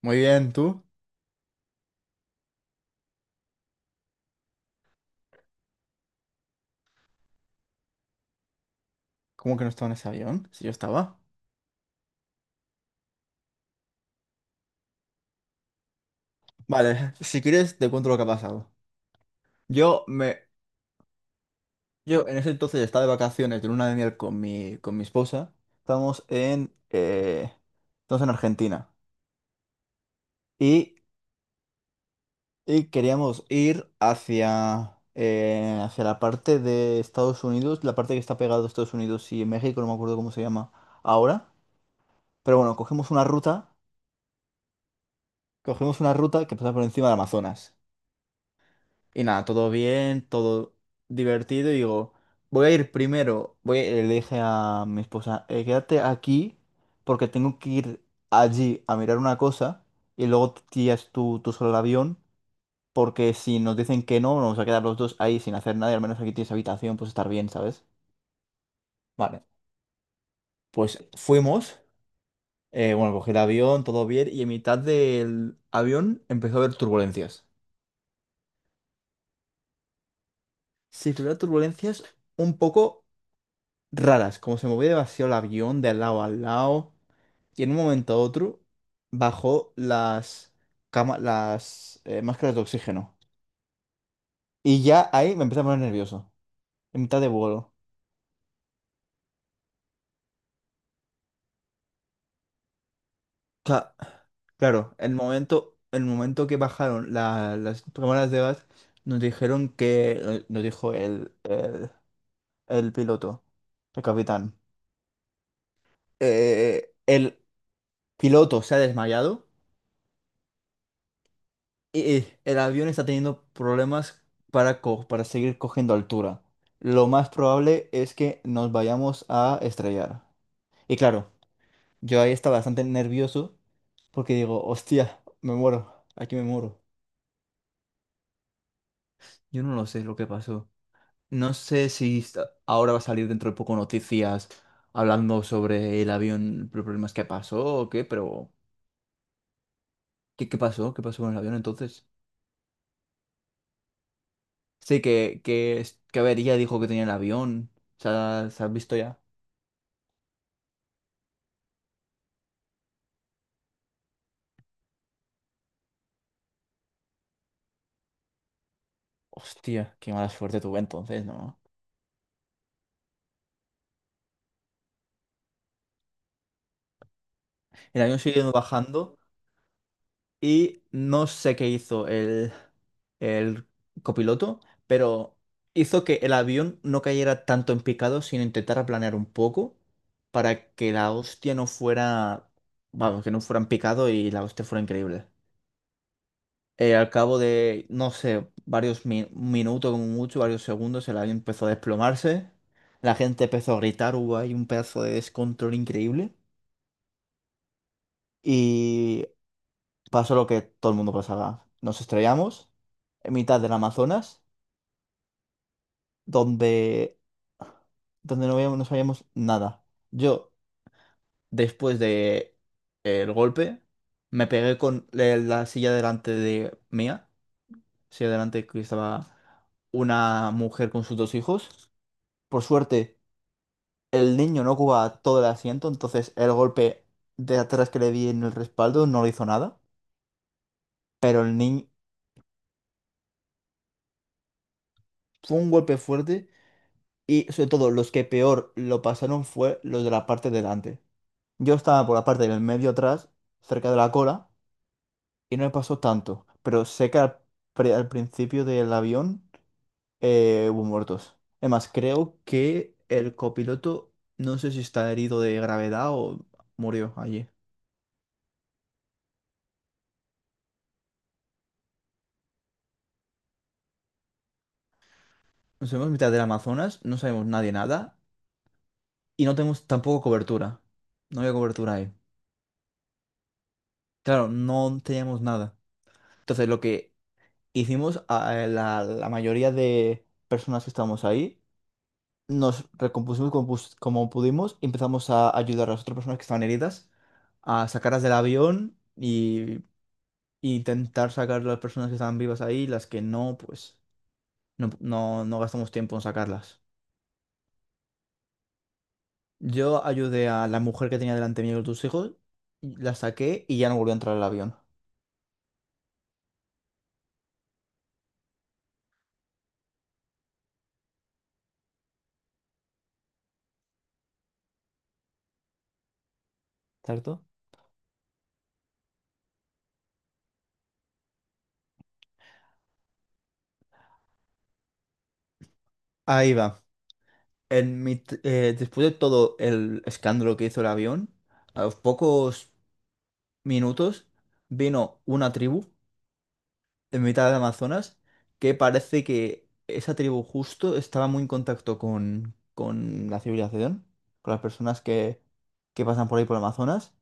Muy bien, ¿tú? ¿Cómo que no estaba en ese avión? Si yo estaba. Vale, si quieres te cuento lo que ha pasado. Yo me, yo en ese entonces estaba de vacaciones de luna de miel con mi esposa. Estamos en estamos en Argentina y, queríamos ir hacia, hacia la parte de Estados Unidos, la parte que está pegada a Estados Unidos y México, no me acuerdo cómo se llama ahora. Pero bueno, cogimos una ruta que pasa por encima del Amazonas. Y nada, todo bien, todo divertido. Y digo, voy a ir primero. Le dije a mi esposa, quédate aquí porque tengo que ir allí a mirar una cosa y luego te tiras tú solo al avión porque si nos dicen que no, nos vamos a quedar los dos ahí sin hacer nada y al menos aquí tienes habitación, pues estar bien, ¿sabes?" Vale, pues fuimos. Bueno, cogí el avión, todo bien y en mitad del avión empezó a haber turbulencias. Sí, tuviera turbulencias un poco raras, como se movía demasiado el avión de lado a lado. Y en un momento a otro bajó las máscaras de oxígeno. Y ya ahí me empecé a poner nervioso, en mitad de vuelo. Cla- claro, el momento que bajaron las cámaras de gas, nos dijeron que, no, nos dijo el piloto, el capitán. El piloto se ha desmayado, el avión está teniendo problemas para seguir cogiendo altura. Lo más probable es que nos vayamos a estrellar. Y claro, yo ahí estaba bastante nervioso porque digo, hostia, me muero, aquí me muero. Yo no lo sé lo que pasó. No sé si esta- Ahora va a salir dentro de poco noticias hablando sobre el avión, los problemas que pasó o qué, pero ¿qué pasó? ¿Qué pasó con el avión entonces? Sí, que avería dijo que tenía el avión. ¿Se ha visto ya? Hostia, qué mala suerte tuve entonces, ¿no? El avión siguió bajando y no sé qué hizo el copiloto, pero hizo que el avión no cayera tanto en picado, sino intentar planear un poco para que la hostia no fuera, vamos, que no fuera en picado y la hostia fuera increíble. Al cabo de, no sé, varios minutos como mucho, varios segundos, el avión empezó a desplomarse, la gente empezó a gritar, hubo ahí un pedazo de descontrol increíble. Y pasó lo que todo el mundo pasaba. Nos estrellamos en mitad del Amazonas, donde, donde no veíamos, no sabíamos nada. Yo, después de el golpe, me pegué con la silla delante de mía, silla delante que estaba una mujer con sus dos hijos. Por suerte, el niño no ocupaba todo el asiento, entonces el golpe de atrás que le di en el respaldo no le hizo nada. Pero el niño fue un golpe fuerte. Y sobre todo, los que peor lo pasaron fue los de la parte delante. Yo estaba por la parte del medio atrás, cerca de la cola, y no me pasó tanto. Pero sé que al principio del avión hubo muertos. Además, creo que el copiloto, no sé si está herido de gravedad o murió allí. Nos vemos en mitad del Amazonas, no sabemos nadie nada, y no tenemos tampoco cobertura. No había cobertura ahí. Claro, no teníamos nada. Entonces, lo que hicimos a la mayoría de personas que estábamos ahí, nos recompusimos como pudimos y empezamos a ayudar a las otras personas que estaban heridas, a sacarlas del avión y, intentar sacar a las personas que estaban vivas ahí, las que no, pues no gastamos tiempo en sacarlas. Yo ayudé a la mujer que tenía delante mío con tus hijos, y la saqué y ya no volvió a entrar al avión. ¿Cierto? Ahí va. Después de todo el escándalo que hizo el avión, a los pocos minutos vino una tribu en mitad del Amazonas que parece que esa tribu justo estaba muy en contacto con la civilización, con las personas que pasan por ahí por el Amazonas.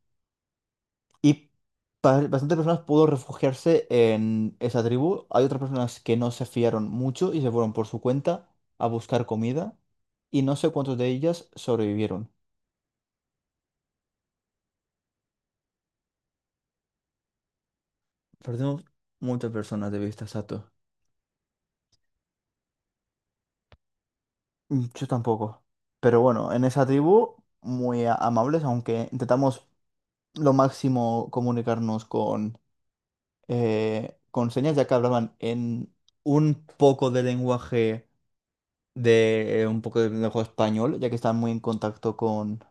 Y bastantes personas pudo refugiarse en esa tribu. Hay otras personas que no se fiaron mucho y se fueron por su cuenta a buscar comida. Y no sé cuántos de ellas sobrevivieron. Perdimos muchas personas de vista, Sato. Mm, yo tampoco. Pero bueno, en esa tribu, muy amables, aunque intentamos lo máximo comunicarnos con señas, ya que hablaban en un poco de lenguaje de un poco de lenguaje español, ya que están muy en contacto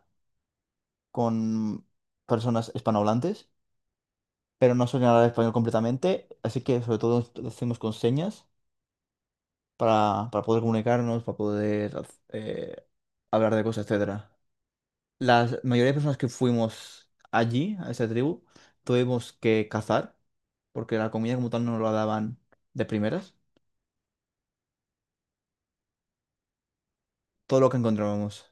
con personas hispanohablantes, pero no suelen hablar español completamente, así que sobre todo lo hacemos con señas para, poder comunicarnos, para poder hablar de cosas, etcétera. La mayoría de personas que fuimos allí, a esa tribu, tuvimos que cazar, porque la comida como tal no nos la daban de primeras. Todo lo que encontrábamos.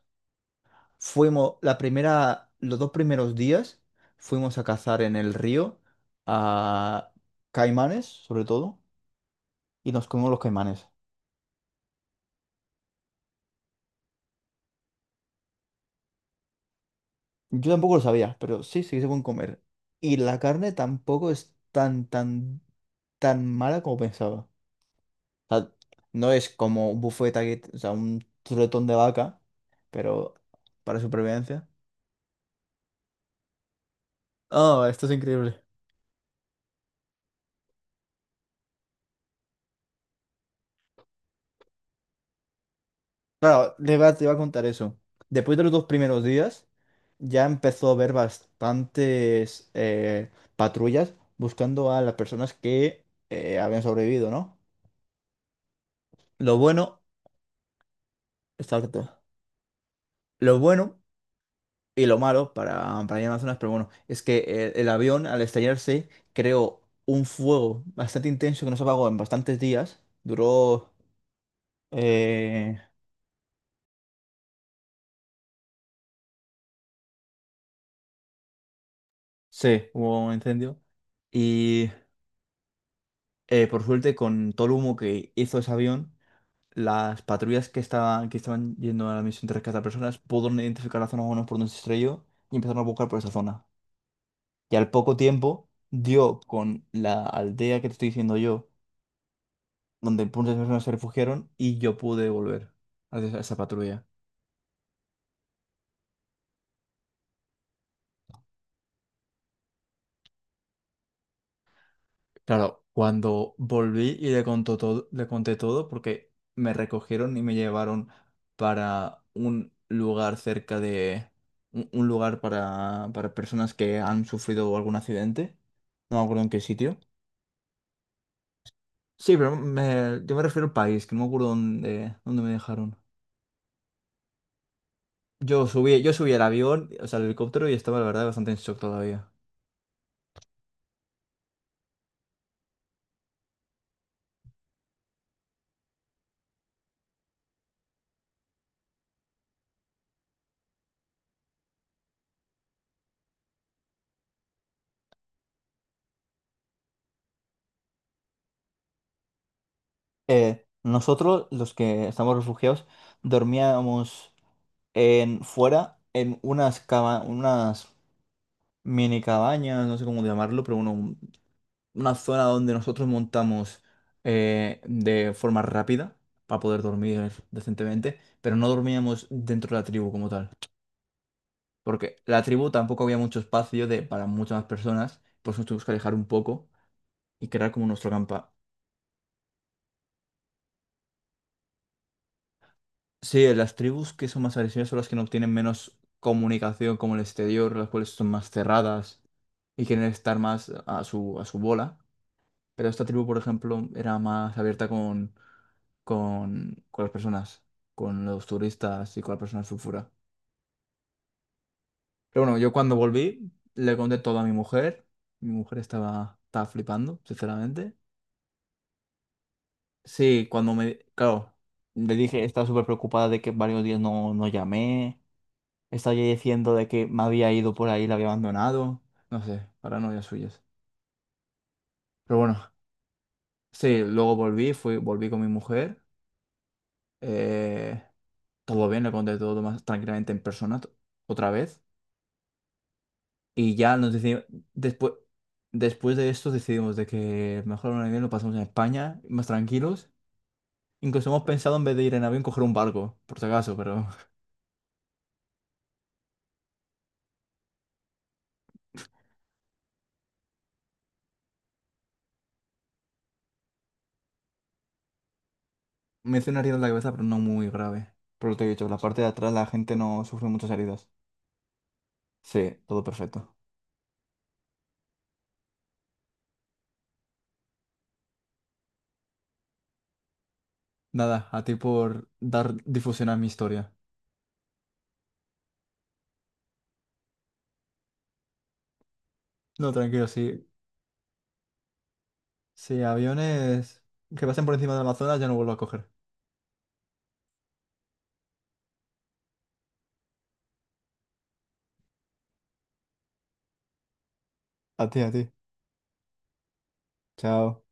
Los dos primeros días, fuimos a cazar en el río a caimanes, sobre todo, y nos comimos los caimanes. Yo tampoco lo sabía, pero sí, sí que se pueden comer. Y la carne tampoco es tan mala como pensaba. O sea, no es como un buffet aquí, o sea, un chuletón de vaca, pero para supervivencia. Oh, esto es increíble. Claro, te iba a contar eso. Después de los dos primeros días, ya empezó a haber bastantes patrullas buscando a las personas que habían sobrevivido, ¿no? Lo bueno, exacto. Lo bueno y lo malo para, ir a Amazonas, pero bueno, es que avión al estrellarse creó un fuego bastante intenso que no se apagó en bastantes días. Eh, sí, hubo un incendio. Y por suerte, con todo el humo que hizo ese avión, las patrullas que estaban yendo a la misión de rescate a personas pudieron identificar la zona menos por donde se estrelló y empezaron a buscar por esa zona. Y al poco tiempo dio con la aldea que te estoy diciendo yo donde muchas personas se refugiaron y yo pude volver a esa patrulla. Claro, cuando volví y le contó todo, le conté todo porque me recogieron y me llevaron para un lugar cerca de un lugar para, personas que han sufrido algún accidente. No me acuerdo en qué sitio. Sí, pero yo me refiero al país, que no me acuerdo dónde me dejaron. Yo subí al avión, o sea, al helicóptero y estaba la verdad bastante en shock todavía. Nosotros, los que estamos refugiados, dormíamos en, fuera en unas mini cabañas, no sé cómo llamarlo, pero bueno, una zona donde nosotros montamos de forma rápida para poder dormir decentemente, pero no dormíamos dentro de la tribu como tal, porque la tribu tampoco había mucho espacio para muchas más personas, por eso nos tuvimos que alejar un poco y crear como nuestro. Sí, las tribus que son más agresivas son las que no tienen menos comunicación como el exterior, las cuales son más cerradas y quieren estar más a a su bola. Pero esta tribu, por ejemplo, era más abierta con las personas, con los turistas y con las personas sulfura. Pero bueno, yo cuando volví le conté todo a mi mujer. Mi mujer estaba flipando, sinceramente. Sí, cuando me... Claro, le dije, estaba súper preocupada de que varios días no llamé. Estaba ya diciendo de que me había ido por ahí, la había abandonado. No sé, paranoias suyas. Pero bueno, sí, luego volví con mi mujer. eh, Todo bien, le conté todo más tranquilamente otra vez. Y ya nos decidimos, después, después de esto decidimos de que mejor un avión lo pasamos en España, más tranquilos. Incluso hemos pensado en vez de ir en avión coger un barco, por si acaso, pero me hice una herida en la cabeza, pero no muy grave. Por lo que te he dicho, la parte de atrás la gente no sufre muchas heridas. Sí, todo perfecto. Nada, a ti por dar difusión a mi historia. No, tranquilo, si, si aviones que pasen por encima del Amazonas ya no vuelvo a coger. A ti, a ti. Chao.